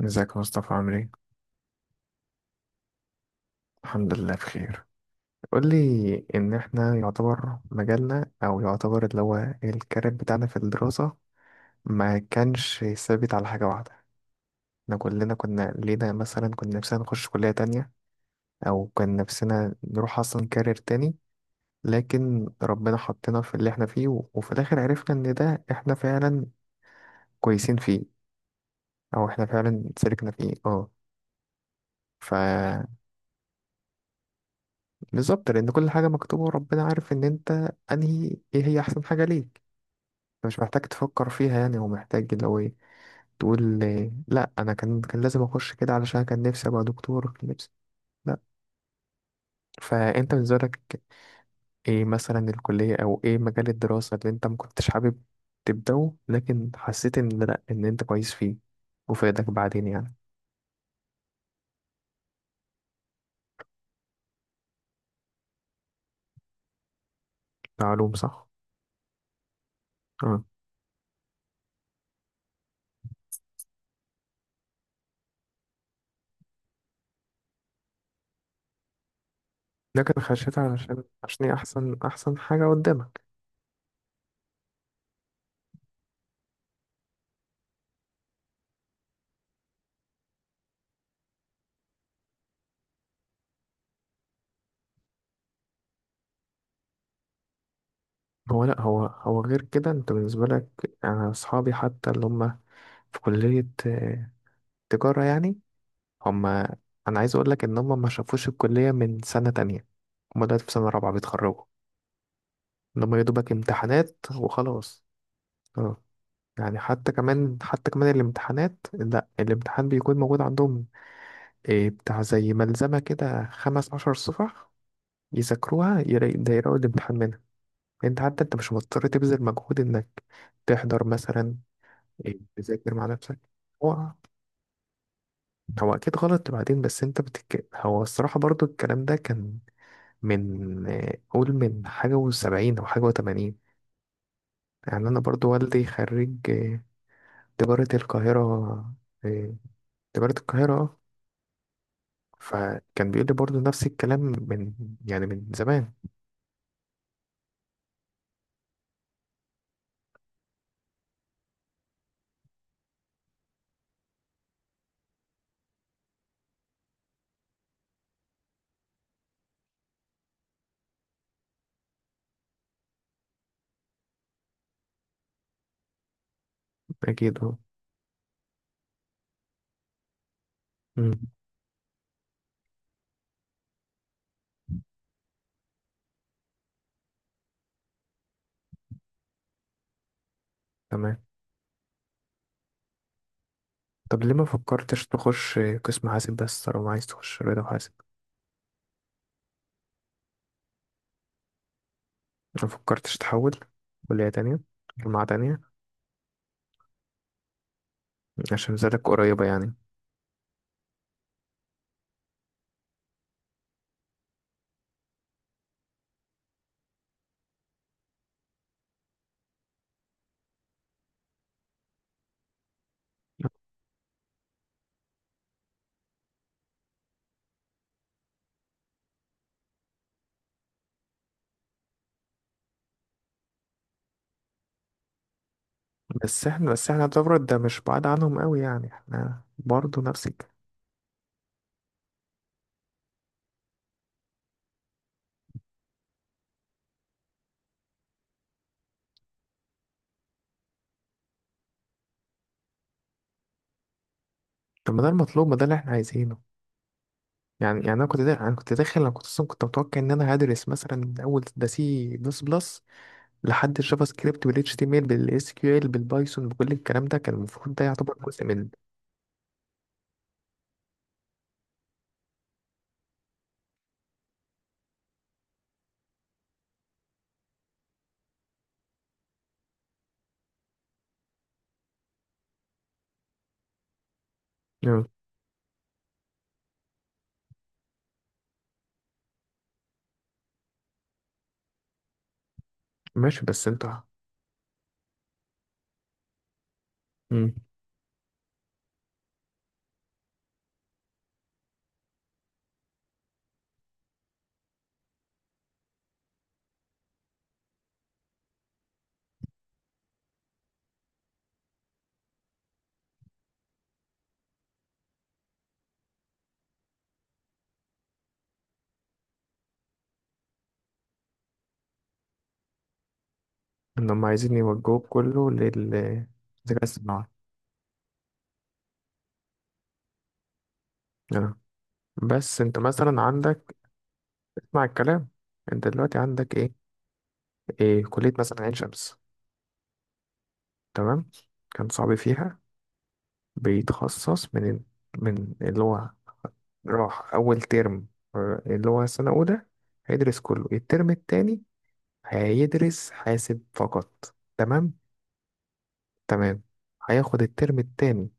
ازيك يا مصطفى؟ عامل ايه؟ الحمد لله بخير. قول لي، ان احنا يعتبر مجالنا او يعتبر اللي هو الكارير بتاعنا في الدراسة ما كانش ثابت على حاجة واحدة. احنا كلنا كنا لينا مثلا، كنا نفسنا نخش كلية تانية او كان نفسنا نروح اصلا كارير تاني، لكن ربنا حطنا في اللي احنا فيه و- وفي الاخر عرفنا ان ده احنا فعلا كويسين فيه او احنا فعلا سلكنا فيه. اه، بالظبط، لأن كل حاجة مكتوبة وربنا عارف إن أنت أنهي، إيه هي أحسن حاجة ليك، فمش محتاج تفكر فيها. يعني هو محتاج لو إيه تقول، إيه، لأ أنا كان لازم أخش كده علشان كان نفسي أبقى دكتور، كان نفسي، لأ. فأنت بالنسبة لك إيه مثلا الكلية أو إيه مجال الدراسة اللي أنت مكنتش حابب تبدأه لكن حسيت إن لأ، إن أنت كويس فيه وفادك بعدين يعني. معلوم، صح؟ أه. لكن خشيت علشان، عشان هي أحسن أحسن حاجة قدامك. هو لا، هو هو غير كده. انت بالنسبة لك، انا اصحابي حتى اللي هم في كلية تجارة يعني، هم، انا عايز اقول لك ان هم ما شافوش الكلية من سنة تانية. هم دلوقتي في سنة رابعة بيتخرجوا، ان هم يا دوبك امتحانات وخلاص. اه. يعني حتى كمان الامتحانات، لا الامتحان بيكون موجود عندهم إيه، بتاع زي ملزمة كده 15 صفح، يذاكروها ده يلاقوا الامتحان منها. انت حتى انت مش مضطر تبذل مجهود انك تحضر مثلا، إيه، تذاكر مع نفسك. هو هو اكيد غلط بعدين، بس انت هو الصراحه برضو الكلام ده كان من، قول من حاجه وسبعين او حاجه وتمانين. يعني انا برضو والدي خريج تجاره القاهره، آه، تجاره القاهره، فكان بيقول لي برضو نفس الكلام من، يعني من زمان. اكيد اه. مم، تمام. طب ليه ما فكرتش تخش قسم حاسب بس، طالما عايز تخش رياضه وحاسب؟ ما فكرتش تحول كليه تانية، جامعه تانية؟ عشان زادك قريبه يعني. بس احنا يعتبر ده مش بعاد عنهم قوي، يعني احنا برضه نفس الكلام. طب ما ده المطلوب، ما ده اللي احنا عايزينه. يعني انا كنت اصلا كنت متوقع ان انا هدرس مثلا من اول ده سي بلس بلس لحد الجافا سكريبت والاتش تي ام ال بالاس كيو ال بالبايثون، بكل الكلام ده، كان المفروض ده يعتبر جزء من. مم. ماشي، بس انتوا. مم. ان هم عايزين يوجهوك كله للذكاء الاصطناعي، آه. بس انت مثلا عندك. اسمع الكلام، انت دلوقتي عندك ايه، إيه كلية مثلا؟ عين شمس، تمام، كان صعب فيها، بيتخصص من ال- من اللي هو راح أول ترم، اللي هو سنة أولى هيدرس كله، الترم التاني هيدرس حاسب فقط، تمام، تمام. هياخد الترم التاني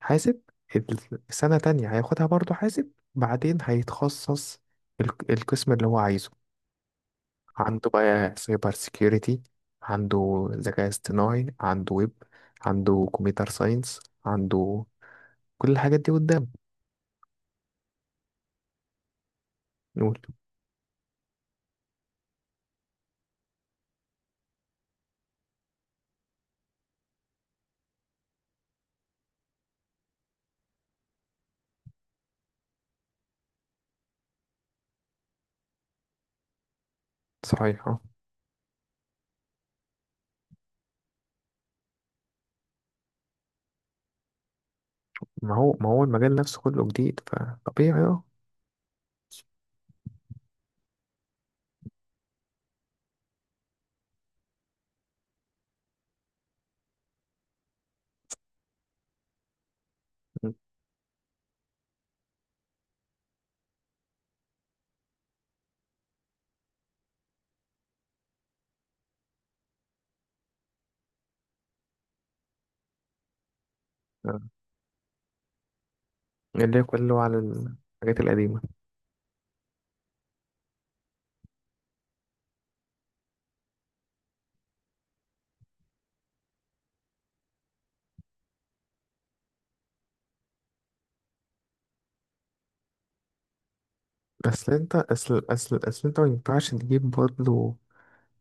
حاسب، السنة تانية هياخدها برضه حاسب، بعدين هيتخصص القسم اللي هو عايزه. عنده بقى سايبر سيكيورتي، عنده ذكاء اصطناعي، عنده ويب، عنده كمبيوتر ساينس، عنده كل الحاجات دي قدام. نقول. صحيح اه. ما هو المجال نفسه كله جديد فطبيعي. اه. اللي هي كله على الحاجات القديمة. أصل أنت، أصل أصل أصل أنت ما ينفعش تجيب برضه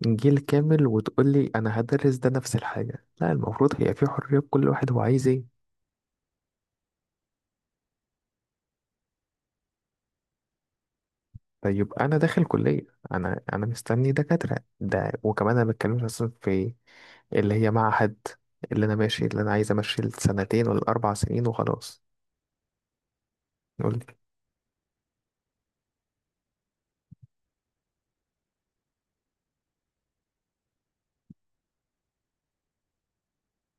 جيل كامل وتقول لي أنا هدرس ده نفس الحاجة، لا المفروض هي في حرية كل واحد هو عايز إيه. طيب أنا داخل كلية، أنا مستني دكاترة ده، وكمان أنا بتكلمش أصلا في اللي هي معهد، اللي أنا عايز أمشي السنتين ولا ال4 سنين وخلاص. قول لي.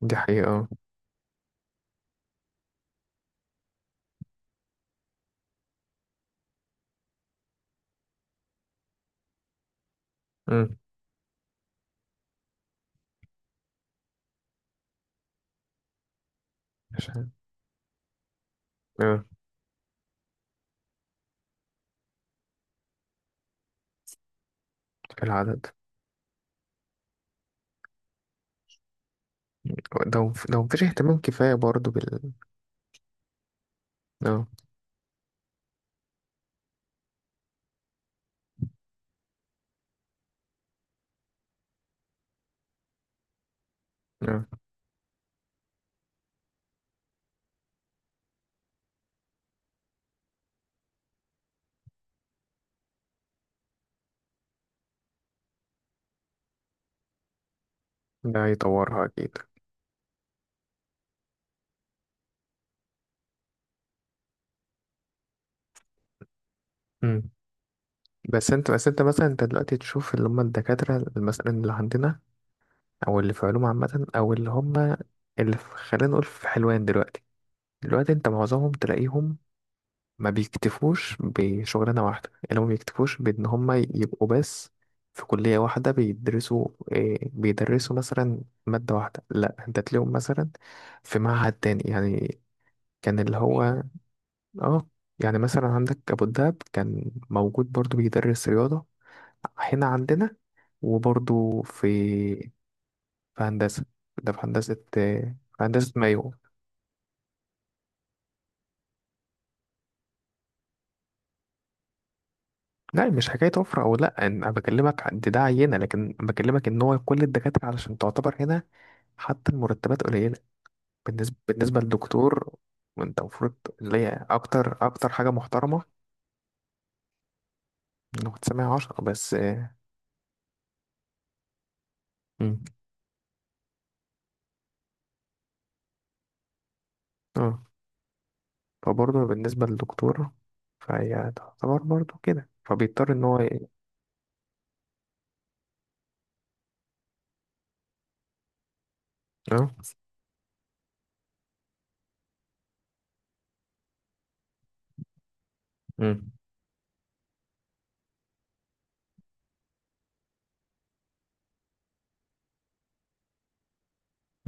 دي حقيقة اه. أمم. عشان اه، في العدد. لو مفيش اهتمام كفاية برضو بال، اه. اه. ده هيطورها أكيد. أمم. بس انت مثلا، انت دلوقتي تشوف اللي هم الدكاترة مثلا اللي عندنا، أو اللي في علوم عامة، أو اللي هم اللي في، خلينا نقول في حلوان دلوقتي انت معظمهم تلاقيهم ما بيكتفوش بشغلانة واحدة، يعني ما بيكتفوش بإن هما يبقوا بس في كلية واحدة بيدرسوا إيه، بيدرسوا مثلا مادة واحدة، لا انت تلاقيهم مثلا في معهد تاني يعني، كان اللي هو. اه. يعني مثلا عندك أبو الدهب كان موجود برضو بيدرس رياضة هنا عندنا، وبرضو في هندسة، ده في هندسة، في هندسة مايو. لا مش حكاية وفرة أو لأ، أنا بكلمك دي، ده عينة، لكن بكلمك إن هو كل الدكاترة علشان تعتبر هنا، حتى المرتبات قليلة. بالنسبة للدكتور، وأنت المفروض، اللي هي أكتر أكتر حاجة محترمة إنه تسمع 10 بس، مم. أه، فبرضه بالنسبة للدكتور فهي تعتبر برضه كده، فبيضطر إن هو أه. مم.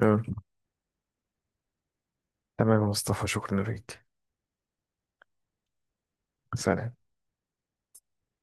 أه، تمام يا مصطفى، شكرا ليك. سلام.